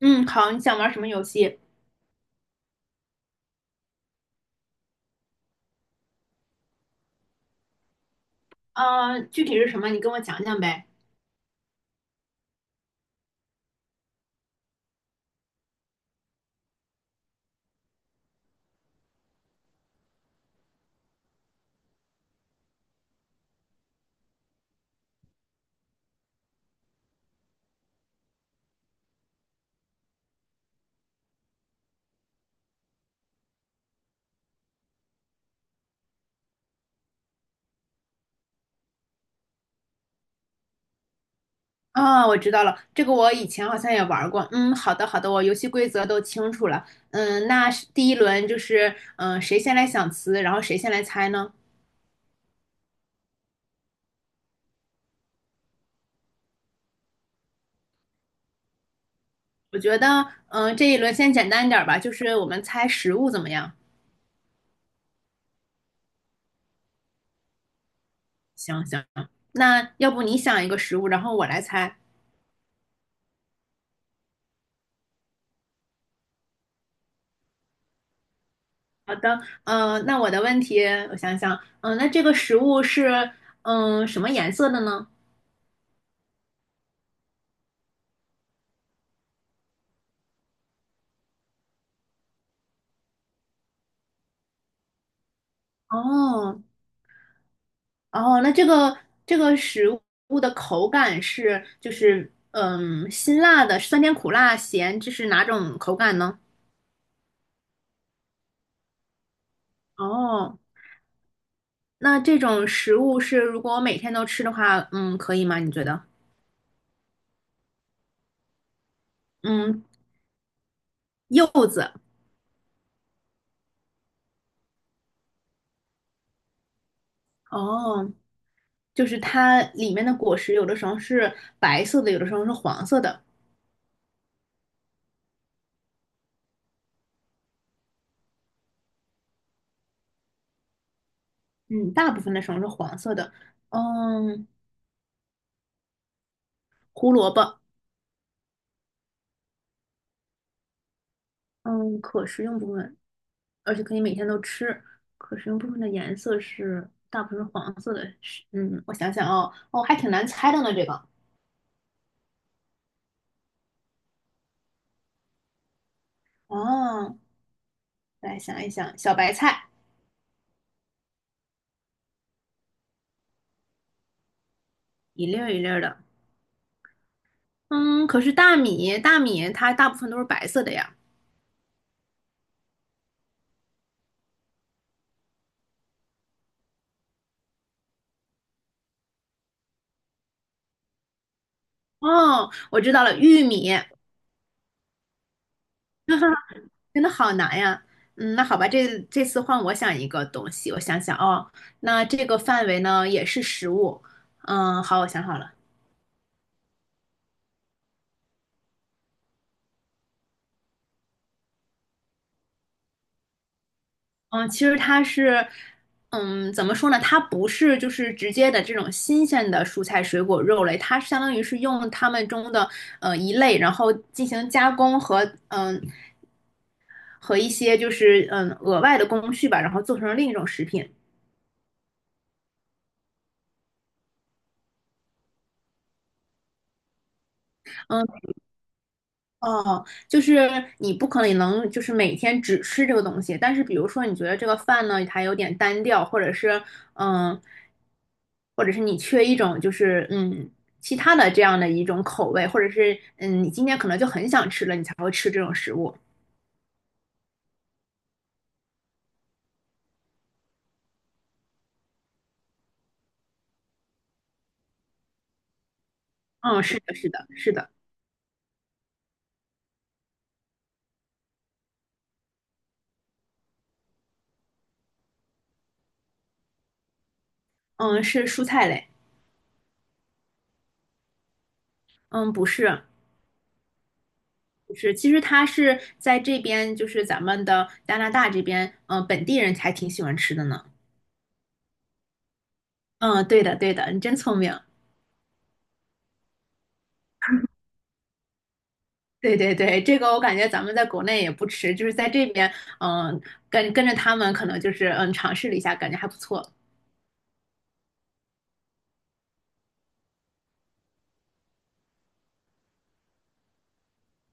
嗯，好，你想玩什么游戏？啊？具体是什么？你跟我讲讲呗。啊，我知道了，这个我以前好像也玩过。嗯，好的，好的，我游戏规则都清楚了。嗯，那是第1轮就是，谁先来想词，然后谁先来猜呢？我觉得，这一轮先简单一点儿吧，就是我们猜食物怎么样？行行，那要不你想一个食物，然后我来猜。好的，那我的问题，我想想，那这个食物是，什么颜色的呢？哦，哦，那这个这个食物的口感是就是辛辣的，酸甜苦辣咸，这是哪种口感呢？哦，那这种食物是如果我每天都吃的话，嗯，可以吗？你觉得？嗯，柚子。哦，就是它里面的果实有的时候是白色的，有的时候是黄色的。嗯，大部分的时候是黄色的。嗯，胡萝卜。嗯，可食用部分。而且可以每天都吃。可食用部分的颜色是大部分是黄色的，是我想想哦，哦，还挺难猜的呢，这个哦，来想一想，小白菜一粒儿一粒儿的，嗯，可是大米它大部分都是白色的呀。哦，我知道了，玉米，真的好难呀。嗯，那好吧，这次换我想一个东西，我想想哦，那这个范围呢也是食物，嗯，好，我想好了。嗯，其实它是，嗯，怎么说呢？它不是就是直接的这种新鲜的蔬菜、水果、肉类，它相当于是用它们中的一类，然后进行加工和和一些就是额外的工序吧，然后做成另一种食品。嗯哦，就是你不可能能就是每天只吃这个东西，但是比如说你觉得这个饭呢，它有点单调，或者是嗯，或者是你缺一种就是其他的这样的一种口味，或者是你今天可能就很想吃了，你才会吃这种食物。嗯，是的，是的，是的，嗯，是蔬菜类，嗯，不是，不是，其实它是在这边，就是咱们的加拿大这边，嗯，本地人还挺喜欢吃的呢。嗯，对的，对的，你真聪明。对对对，这个我感觉咱们在国内也不吃，就是在这边，嗯，跟着他们可能就是尝试了一下，感觉还不错。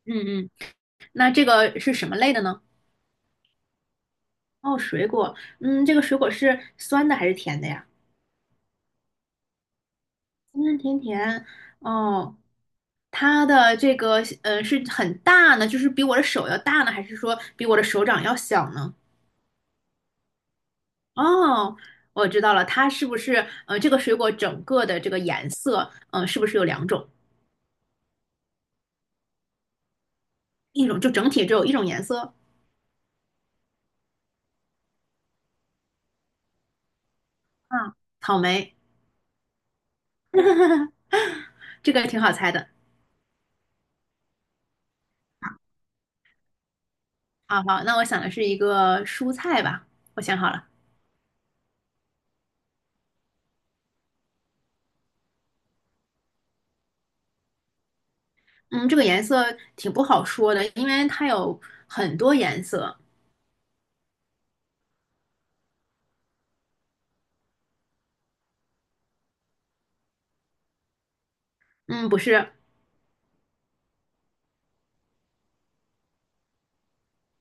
嗯嗯，那这个是什么类的呢？哦，水果，嗯，这个水果是酸的还是甜的呀？酸酸甜甜，哦，它的这个是很大呢，就是比我的手要大呢，还是说比我的手掌要小呢？哦，我知道了，它是不是这个水果整个的这个颜色，是不是有两种？一种就整体只有一种颜色？嗯，草莓，这个挺好猜的。好好，那我想的是一个蔬菜吧，我想好了。嗯，这个颜色挺不好说的，因为它有很多颜色。嗯，不是，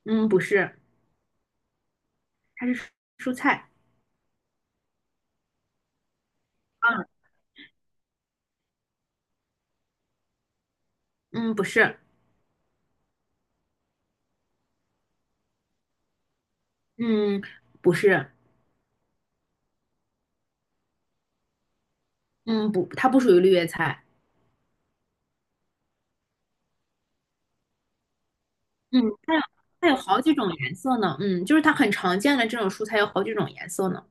嗯，不是，它是蔬菜。啊，嗯，不是，嗯，不是，嗯，不，它不属于绿叶菜。嗯，它有好几种颜色呢。嗯，就是它很常见的这种蔬菜有好几种颜色呢。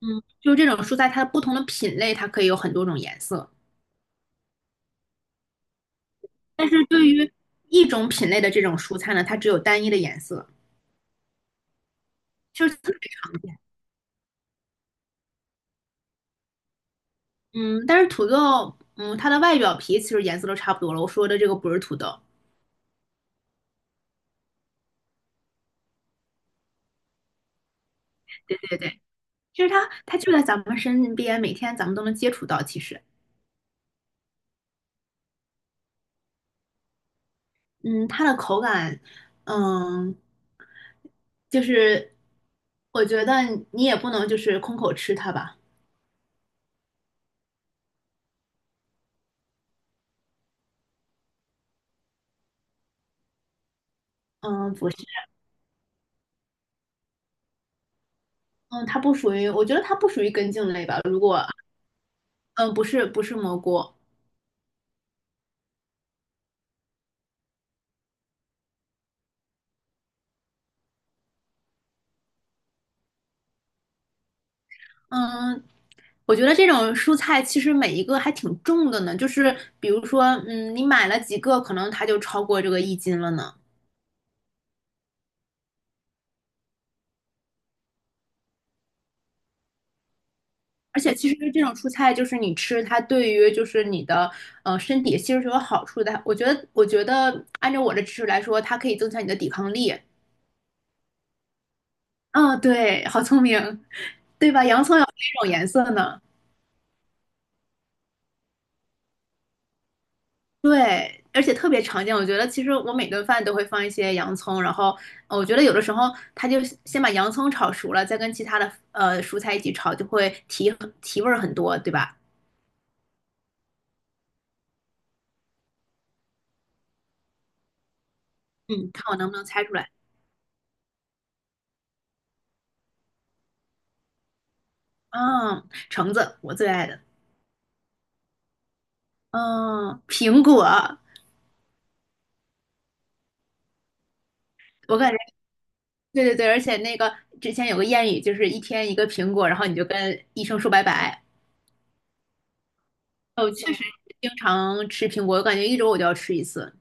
嗯，就是这种蔬菜，它不同的品类，它可以有很多种颜色。但是对于一种品类的这种蔬菜呢，它只有单一的颜色，就是特别常见。嗯，但是土豆，嗯，它的外表皮其实颜色都差不多了。我说的这个不是土豆，对对对，其实它就在咱们身边，每天咱们都能接触到。其实，嗯，它的口感，嗯，就是我觉得你也不能就是空口吃它吧。嗯，不是，嗯，它不属于，我觉得它不属于根茎类吧。如果，嗯，不是不是蘑菇，嗯，我觉得这种蔬菜其实每一个还挺重的呢，就是比如说，嗯，你买了几个，可能它就超过这个1斤了呢。而且其实这种蔬菜就是你吃它，对于就是你的身体其实是有好处的。我觉得，我觉得按照我的知识来说，它可以增强你的抵抗力。嗯，对，好聪明，对吧？洋葱有哪种颜色呢？对，而且特别常见。我觉得其实我每顿饭都会放一些洋葱，然后我觉得有的时候它就先把洋葱炒熟了，再跟其他的蔬菜一起炒，就会提味儿很多，对吧？嗯，看我能不能猜出来。嗯，橙子我最爱的。嗯，苹果，我感觉对对对，而且那个之前有个谚语，就是1天1个苹果，然后你就跟医生说拜拜。我确实经常吃苹果，我感觉1周我就要吃1次。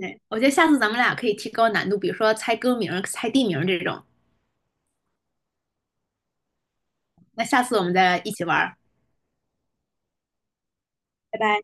对，我觉得下次咱们俩可以提高难度，比如说猜歌名儿、猜地名儿这种。那下次我们再一起玩儿，拜拜。